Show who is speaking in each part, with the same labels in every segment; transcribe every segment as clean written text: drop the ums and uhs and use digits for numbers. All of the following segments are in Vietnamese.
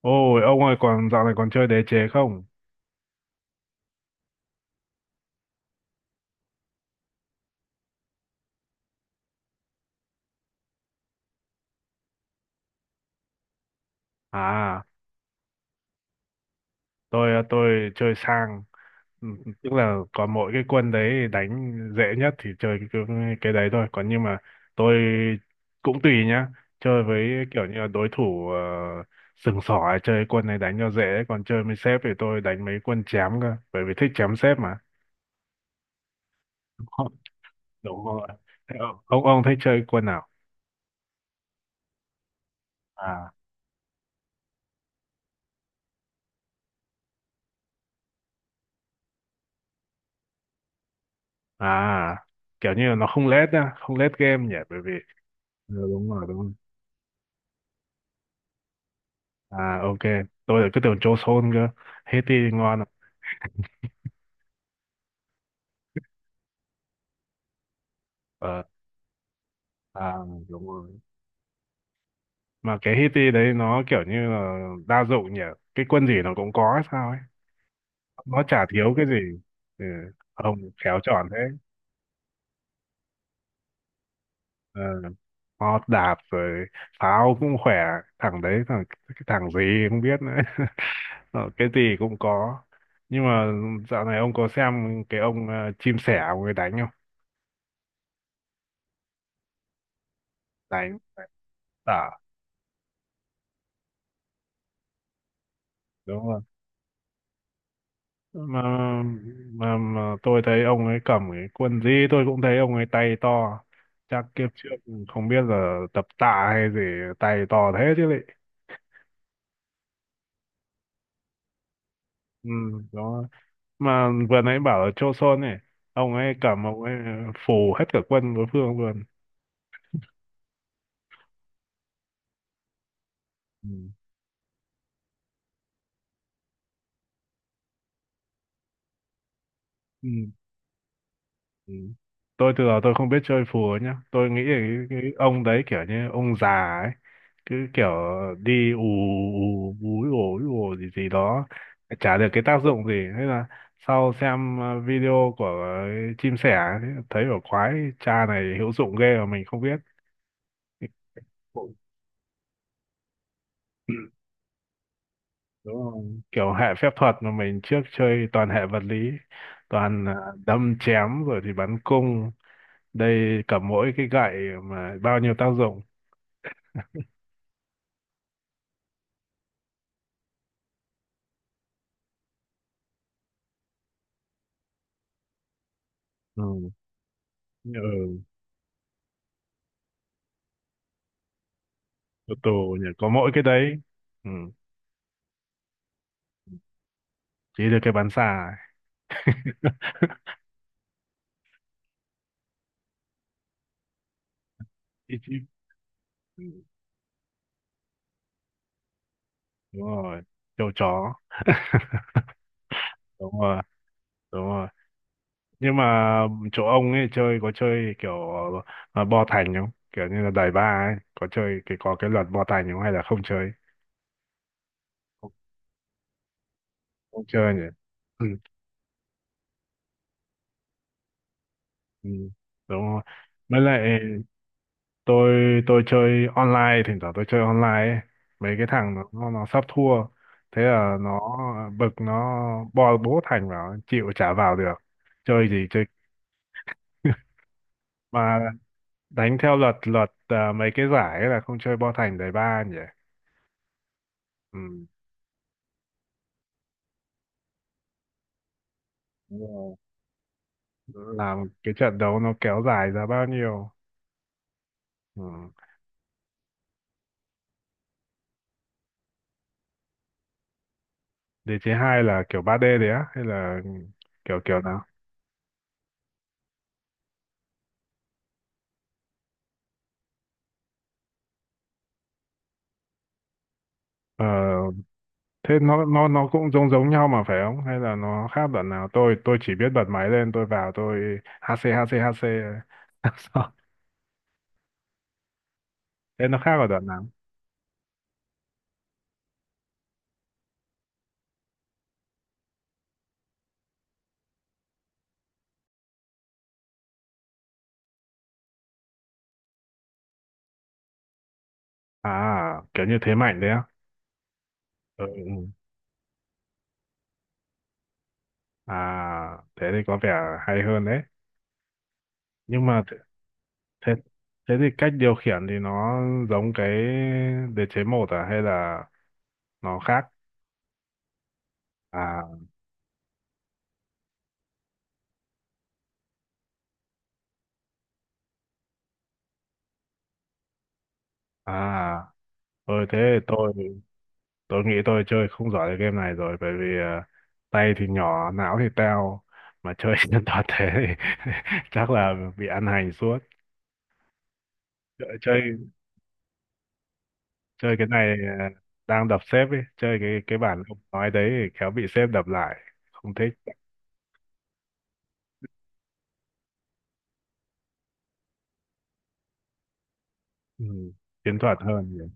Speaker 1: Ôi, ông ơi, còn dạo này còn chơi đế chế không? À, tôi chơi sang. Ừ, tức là có mỗi cái quân đấy đánh dễ nhất thì chơi cái đấy thôi. Còn nhưng mà tôi cũng tùy nhá, chơi với kiểu như là đối thủ uh, sừng sỏ, chơi quân này đánh cho dễ. Còn chơi với sếp thì tôi đánh mấy quân chém cơ, bởi vì thích chém sếp mà. Đúng rồi. Thế ông thích chơi quân nào? À, à, kiểu như là nó không lết nhá, không lết game nhỉ, bởi vì Ừ, đúng rồi, đúng rồi. À, ok. Tôi lại cứ tưởng Joe Son cơ. Haiti ngon à? Ờ, à, đúng rồi, mà cái Haiti đấy nó kiểu như là đa dụng nhỉ, cái quân gì nó cũng có hay sao ấy, nó chả thiếu cái gì. Ừ. Ông khéo chọn thế. Ờ, họ đạp rồi, pháo cũng khỏe. Thằng đấy thằng cái thằng gì không biết nữa. Ờ, cái gì cũng có, nhưng mà dạo này ông có xem cái ông chim sẻ ông ấy đánh không? Đánh Đánh. À, đúng rồi, mà mà tôi thấy ông ấy cầm cái quần gì tôi cũng thấy ông ấy tay to, chắc kiếp trước không biết là tập tạ hay gì, tay to thế chứ lị. Ừ. Đó. Mà vừa nãy bảo là Chô Sôn này, ông ấy cầm ông ấy phủ hết cả quân đối phương luôn. Ừ. Ừ. Ừ. Tôi từ đó tôi không biết chơi phùa nhá, tôi nghĩ là cái ông đấy kiểu như ông già ấy, cứ kiểu đi ù ù úi ồ gì gì đó, chả được cái tác dụng gì. Thế là sau xem video của chim sẻ ấy, thấy ở khoái, cha này hữu dụng ghê mà mình không biết. Ồ. Ừ. Đúng không? Kiểu hệ phép thuật mà mình trước chơi toàn hệ vật lý, toàn đâm chém rồi thì bắn cung, đây cầm mỗi cái gậy mà bao nhiêu tác dụng. Ừ. Ừ. Ô tô nhỉ, có mỗi cái đấy. Ừ, chỉ được cái bán xà ấy. Ý chí- Đúng rồi. Châu chó. Đúng rồi, đúng rồi. Nhưng mà chỗ ông ấy chơi có chơi kiểu bo thành không, kiểu như là đẩy ba ấy, có chơi cái có cái luật bo thành không hay là không chơi? Không, không chơi nhỉ. Ừ. Ừ. Đúng rồi. Với lại tôi chơi online, thỉnh thoảng tôi chơi online ấy. Mấy cái thằng nó sắp thua, thế là nó bực, nó bo bố thành vào chịu trả vào được, chơi gì chơi. Mà đánh theo luật luật à, mấy cái giải ấy là không chơi bo thành đầy ba nhỉ? Ừ. Đúng rồi. Làm cái trận đấu nó kéo dài ra bao nhiêu. Ừ. Đế chế hai là kiểu 3D đấy á, hay là kiểu kiểu nào? Ờ, thế nó cũng giống giống nhau mà phải không? Hay là nó khác đoạn nào? Tôi chỉ biết bật máy lên, tôi vào tôi HC HC HC. Sao? Thế nó khác ở đoạn nào? À, kiểu như thế mạnh đấy á. Ừ. Ừ. À, thế thì có vẻ hay hơn đấy. Nhưng mà thế thế thì cách điều khiển thì nó giống cái đế chế một à, hay là nó khác? À à, ơi thế tôi Tôi nghĩ tôi chơi không giỏi cái game này rồi, bởi vì tay thì nhỏ, não thì teo, mà chơi trên toàn thế thì chắc là bị ăn hành suốt. Chơi chơi chơi cái này, đang đập sếp ấy, chơi cái bản ông nói đấy thì khéo bị sếp đập lại, không thích. Ừ. Chiến thuật hơn nhỉ.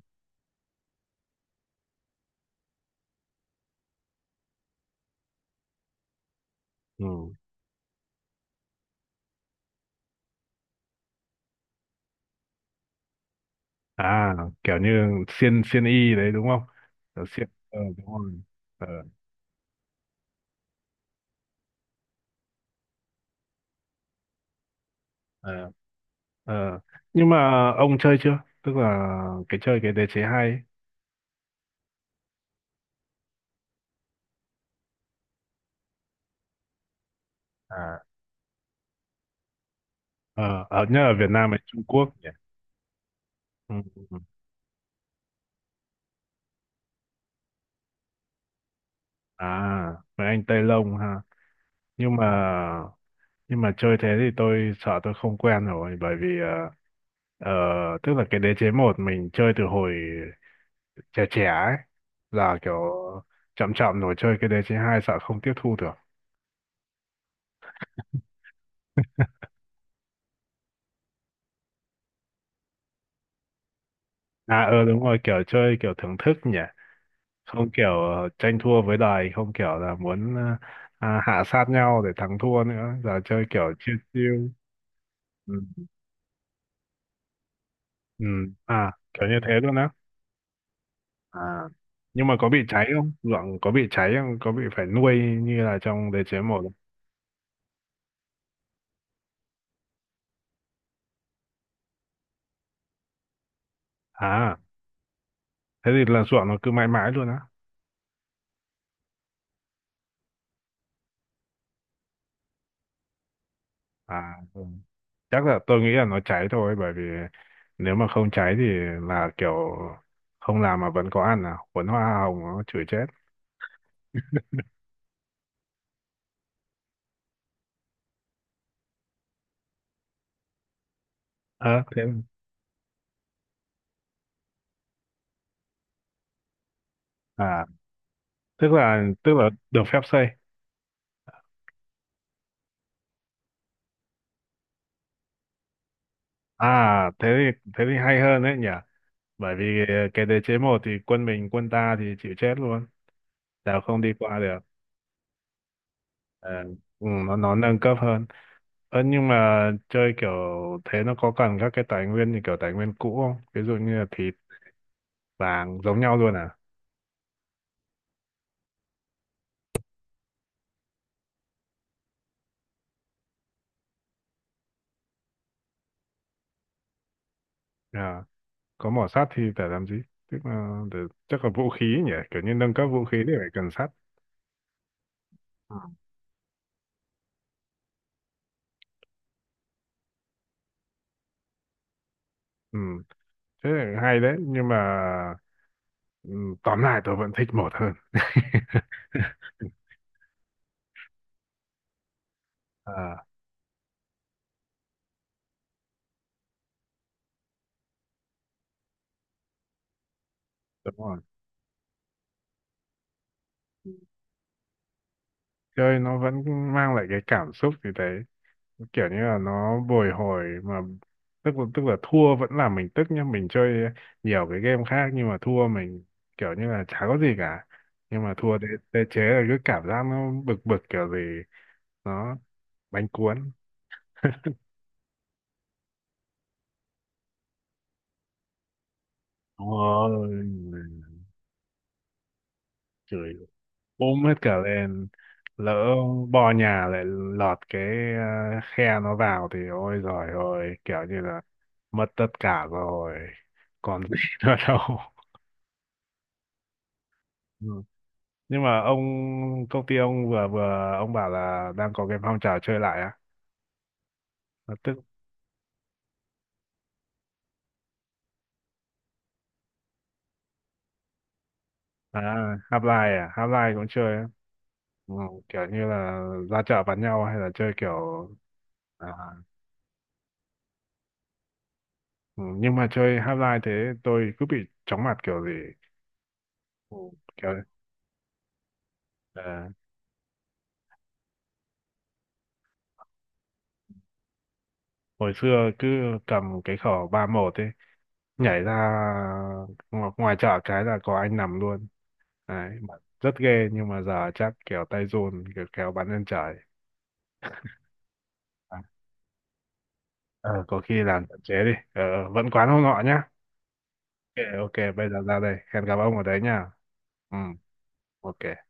Speaker 1: Ừ. À, kiểu như xiên xiên y đấy đúng không? Kiểu xiên đúng rồi. Ờ, ờ, ờ. Nhưng mà ông chơi chưa? Tức là cái chơi cái đế chế hay ấy. Ờ, ở nhớ ở Việt Nam hay Trung Quốc nhỉ? Ừ. Ừ, ừ. À, mấy anh Tây Lông ha. Nhưng mà nhưng mà chơi thế thì tôi sợ tôi không quen rồi, bởi vì ờ, tức là cái đế chế một mình chơi từ hồi trẻ trẻ ấy, là kiểu chậm chậm rồi chơi cái đế chế hai sợ không tiếp thu được. À, ờ, đúng rồi, kiểu chơi kiểu thưởng thức nhỉ. Không kiểu tranh thua với đời, không kiểu là muốn hạ sát nhau để thắng thua nữa, giờ chơi kiểu chill chill. Ừ. Ừ, à, kiểu như thế luôn á. À, nhưng mà có bị cháy không, ruộng có bị cháy không, có bị phải nuôi như là trong đế chế một không? À, thế thì là ruộng nó cứ mãi mãi luôn á. À, ừ. Chắc là tôi nghĩ là nó cháy thôi, bởi vì nếu mà không cháy thì là kiểu không làm mà vẫn có ăn à, cuốn hoa hồng nó chửi chết. Ờ, thế à, tức là được phép xây. À, thế thì hay hơn đấy nhỉ, bởi vì cái đế chế một thì quân mình quân ta thì chịu chết luôn. Dạ không đi qua được. Ờ, ừ, nó nâng cấp hơn. Ờ, nhưng mà chơi kiểu thế nó có cần các cái tài nguyên như kiểu tài nguyên cũ không, ví dụ như là thịt vàng giống nhau luôn à? Ờ, có mỏ sắt thì phải làm gì, tức là để, chắc là vũ khí nhỉ, kiểu như nâng cấp vũ khí thì phải cần sắt. Ờ. Ừ, thế là hay đấy, nhưng mà ừ, tóm lại tôi vẫn thích một hơn. À, đúng rồi, chơi nó vẫn mang lại cái cảm xúc như thế, kiểu như là nó bồi hồi mà. Tức là thua vẫn làm mình tức nhá, mình chơi nhiều cái game khác nhưng mà thua mình kiểu như là chả có gì cả, nhưng mà thua đế chế là cứ cảm giác nó bực bực kiểu gì, nó bánh cuốn. Ôi, chửi ôm hết cả lên, lỡ bò nhà lại lọt cái ờ, khe nó vào thì ôi giời ơi, kiểu như là mất tất cả rồi, còn gì nữa đâu. Ừ. Nhưng mà ông công ty ông vừa vừa ông bảo là đang có cái phong trào chơi lại á. Lập tức. À, Half-Life? À, Half-Life cũng chơi á? Ừ, kiểu như là ra chợ bắn nhau hay là chơi kiểu à, ừ, nhưng mà chơi Half-Life thế tôi cứ bị chóng mặt kiểu gì. Ừ, kiểu à, hồi xưa cứ cầm cái khẩu ba một ấy, nhảy ra ngoài chợ cái là có anh nằm luôn đấy mà, rất ghê, nhưng mà giờ chắc kiểu tay run kiểu kéo bắn lên trời. À, ờ, có khi làm tận chế đi. Ờ, vẫn quán hông ngọ nhá. Ok, ok, bây giờ ra đây. Hẹn gặp ông ở đấy nhá. Ừ, ok.